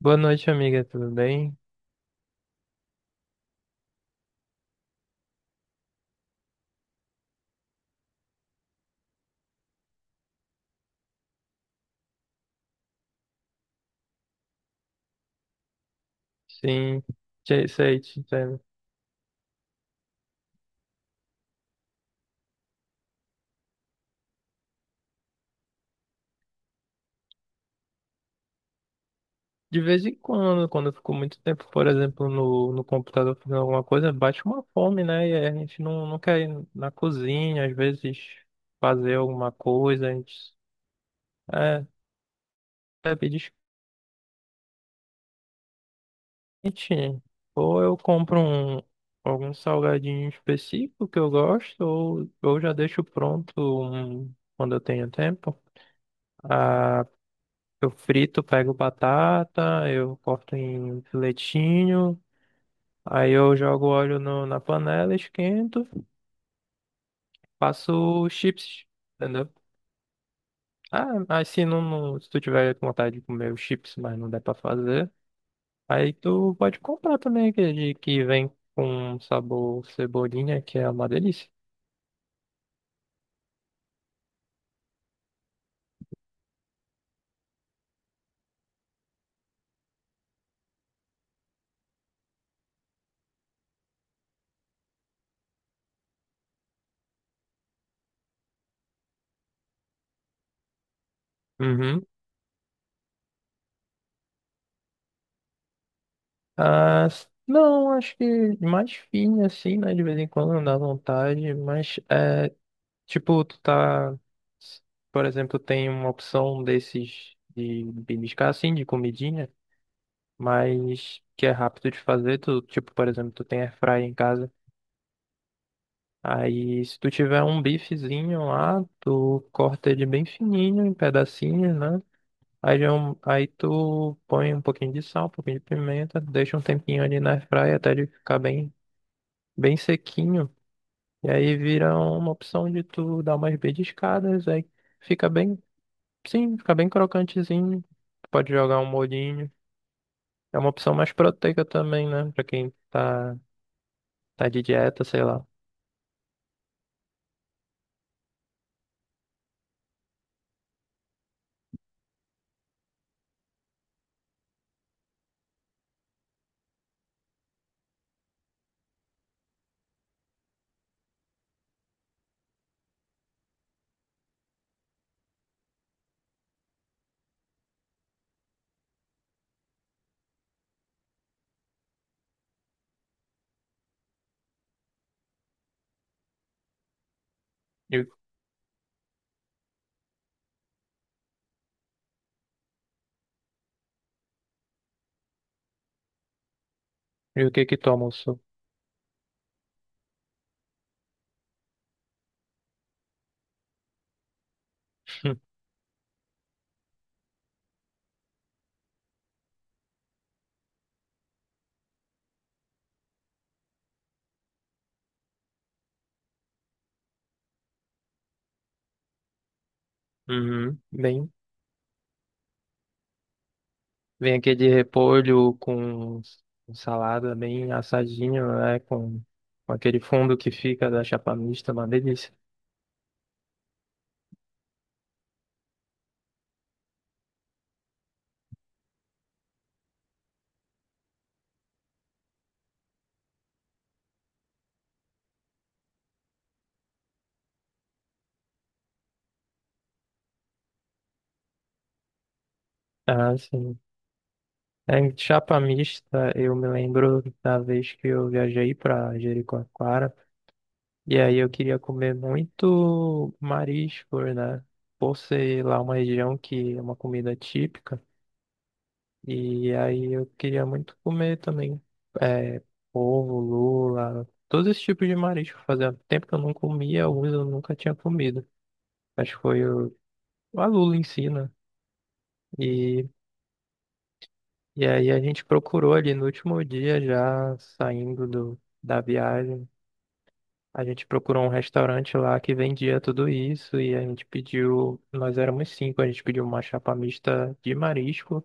Boa noite, amiga. Tudo bem? Sim, sei, te entendo. De vez em quando, quando eu fico muito tempo, por exemplo, no computador fazendo alguma coisa, bate uma fome, né? E aí a gente não quer ir na cozinha, às vezes fazer alguma coisa, a gente é, é pedir quentinho. Ou eu compro um, algum salgadinho específico que eu gosto, ou eu já deixo pronto um, quando eu tenho tempo. Eu frito, pego batata, eu corto em filetinho, aí eu jogo óleo na panela, esquento, faço chips, entendeu? Ah, mas se se tu tiver com vontade de comer os chips, mas não der pra fazer, aí tu pode comprar também aquele que vem com sabor cebolinha, que é uma delícia. Uhum. Ah, não, acho que mais fino assim, né? De vez em quando não dá vontade, mas é. Tipo, tu tá, por exemplo, tem uma opção desses de beliscar assim, de comidinha, mas que é rápido de fazer. Tu, tipo, por exemplo, tu tem airfryer em casa. Aí, se tu tiver um bifezinho lá, tu corta ele bem fininho, em pedacinhos, né? Aí, aí tu põe um pouquinho de sal, um pouquinho de pimenta, deixa um tempinho ali na airfryer até ele ficar bem, bem sequinho. E aí vira uma opção de tu dar umas beliscadas, aí fica bem. Sim, fica bem crocantezinho. Pode jogar um molhinho. É uma opção mais proteica também, né? Pra quem tá, tá de dieta, sei lá. E, o que que toma o seu? Uhum. Bem, vem aqui de repolho com salada bem assadinho, né? Com aquele fundo que fica da chapa mista, uma delícia. Ah, sim. É, em chapa mista, eu me lembro da vez que eu viajei pra Jericoacoara. E aí eu queria comer muito marisco, né? Por ser lá uma região que é uma comida típica. E aí eu queria muito comer também é, polvo, lula, todos esses tipos de marisco. Fazia tempo que eu não comia, alguns eu nunca tinha comido. Acho que foi o, a lula em si, né? E, e aí a gente procurou ali no último dia já saindo do, da viagem. A gente procurou um restaurante lá que vendia tudo isso e a gente pediu, nós éramos cinco, a gente pediu uma chapa mista de marisco,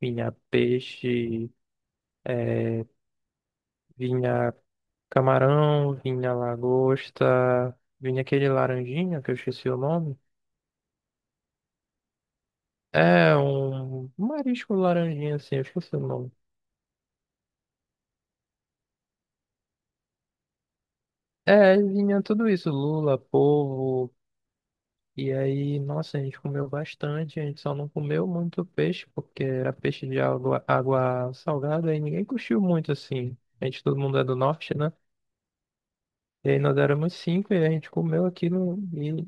vinha peixe, eh, vinha camarão, vinha lagosta, vinha aquele laranjinha que eu esqueci o nome. É, um marisco laranjinha assim, eu esqueci o nome. É, vinha tudo isso, lula, polvo. E aí, nossa, a gente comeu bastante, a gente só não comeu muito peixe, porque era peixe de água, água salgada e ninguém curtiu muito assim. A gente, todo mundo é do norte, né? E aí nós éramos cinco e a gente comeu aquilo e,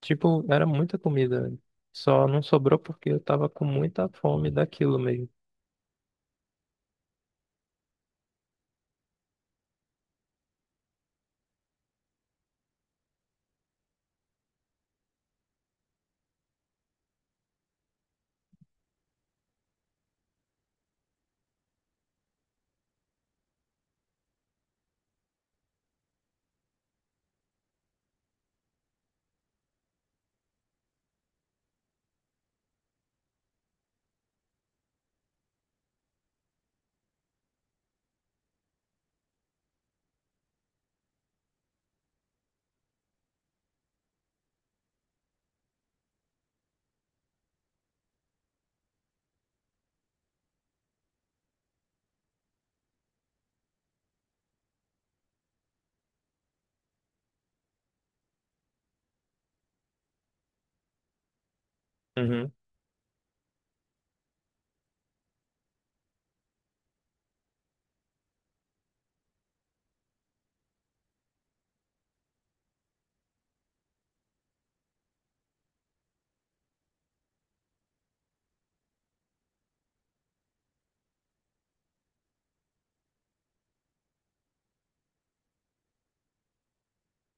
tipo, era muita comida. Só não sobrou porque eu tava com muita fome daquilo mesmo. Uhum,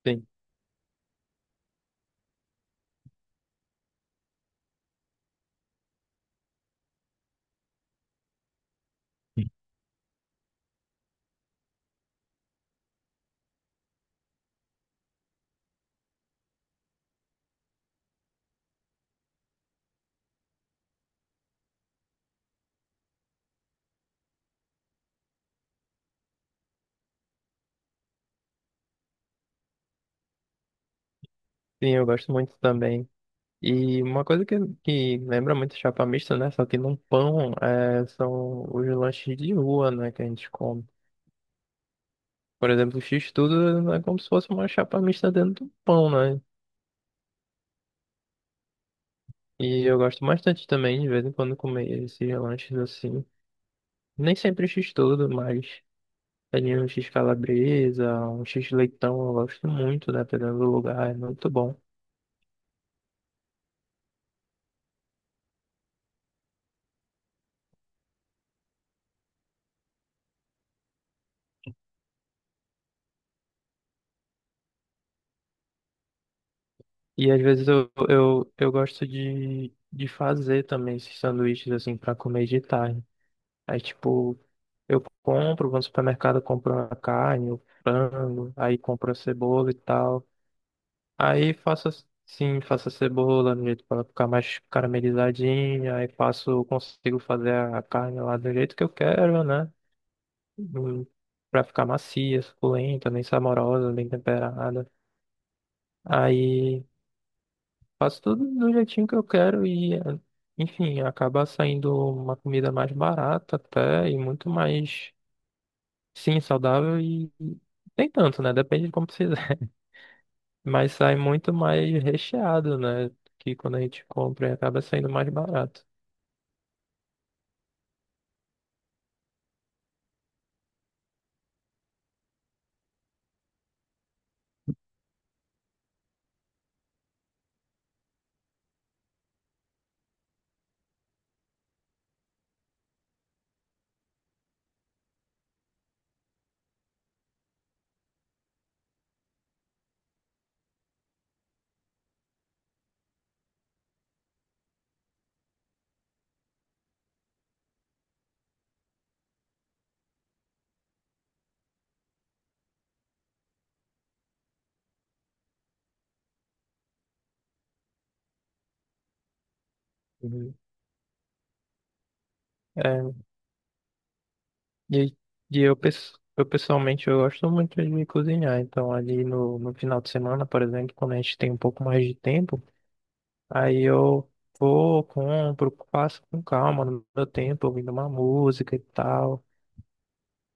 sim. Sim, eu gosto muito também. E uma coisa que lembra muito chapa mista, né? Só que num pão, é, são os lanches de rua, né? Que a gente come. Por exemplo, o X-tudo é como se fosse uma chapa mista dentro do pão, né? E eu gosto bastante também, de vez em quando, comer esses lanches assim. Nem sempre X-tudo, mas ali um X-calabresa, um X-leitão, eu gosto muito, né? Dependendo do lugar, é muito bom. E às vezes eu gosto de fazer também esses sanduíches assim para comer de tarde. Aí, tipo, eu compro, vou no supermercado, compro a carne, o frango, aí compro a cebola e tal. Aí sim, faço a cebola no jeito para ficar mais caramelizadinha, aí faço, consigo fazer a carne lá do jeito que eu quero, né? Hum, pra ficar macia, suculenta, bem saborosa, bem temperada. Aí faço tudo do jeitinho que eu quero e, enfim, acaba saindo uma comida mais barata até e muito mais, sim, saudável e nem tanto, né? Depende de como você. Mas sai muito mais recheado, né? Que quando a gente compra e acaba saindo mais barato. Uhum. É, e, e eu pessoalmente eu gosto muito de cozinhar, então ali no final de semana, por exemplo, quando a gente tem um pouco mais de tempo, aí eu vou, compro, faço com calma no meu tempo, ouvindo uma música e tal.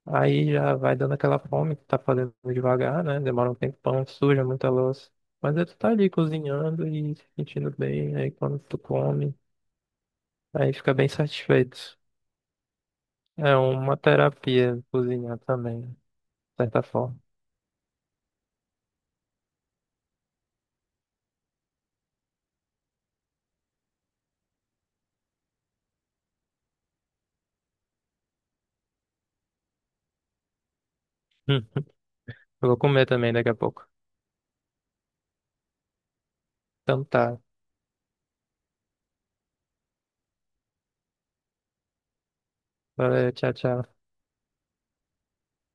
Aí já vai dando aquela fome que tá fazendo devagar, né? Demora um tempão, suja muita louça. Mas aí tu tá ali cozinhando e se sentindo bem, aí quando tu come. Aí fica bem satisfeito. É uma terapia cozinhar também, de certa forma. Hum, eu vou comer também daqui a pouco. Então tá. Valeu, tchau, tchau.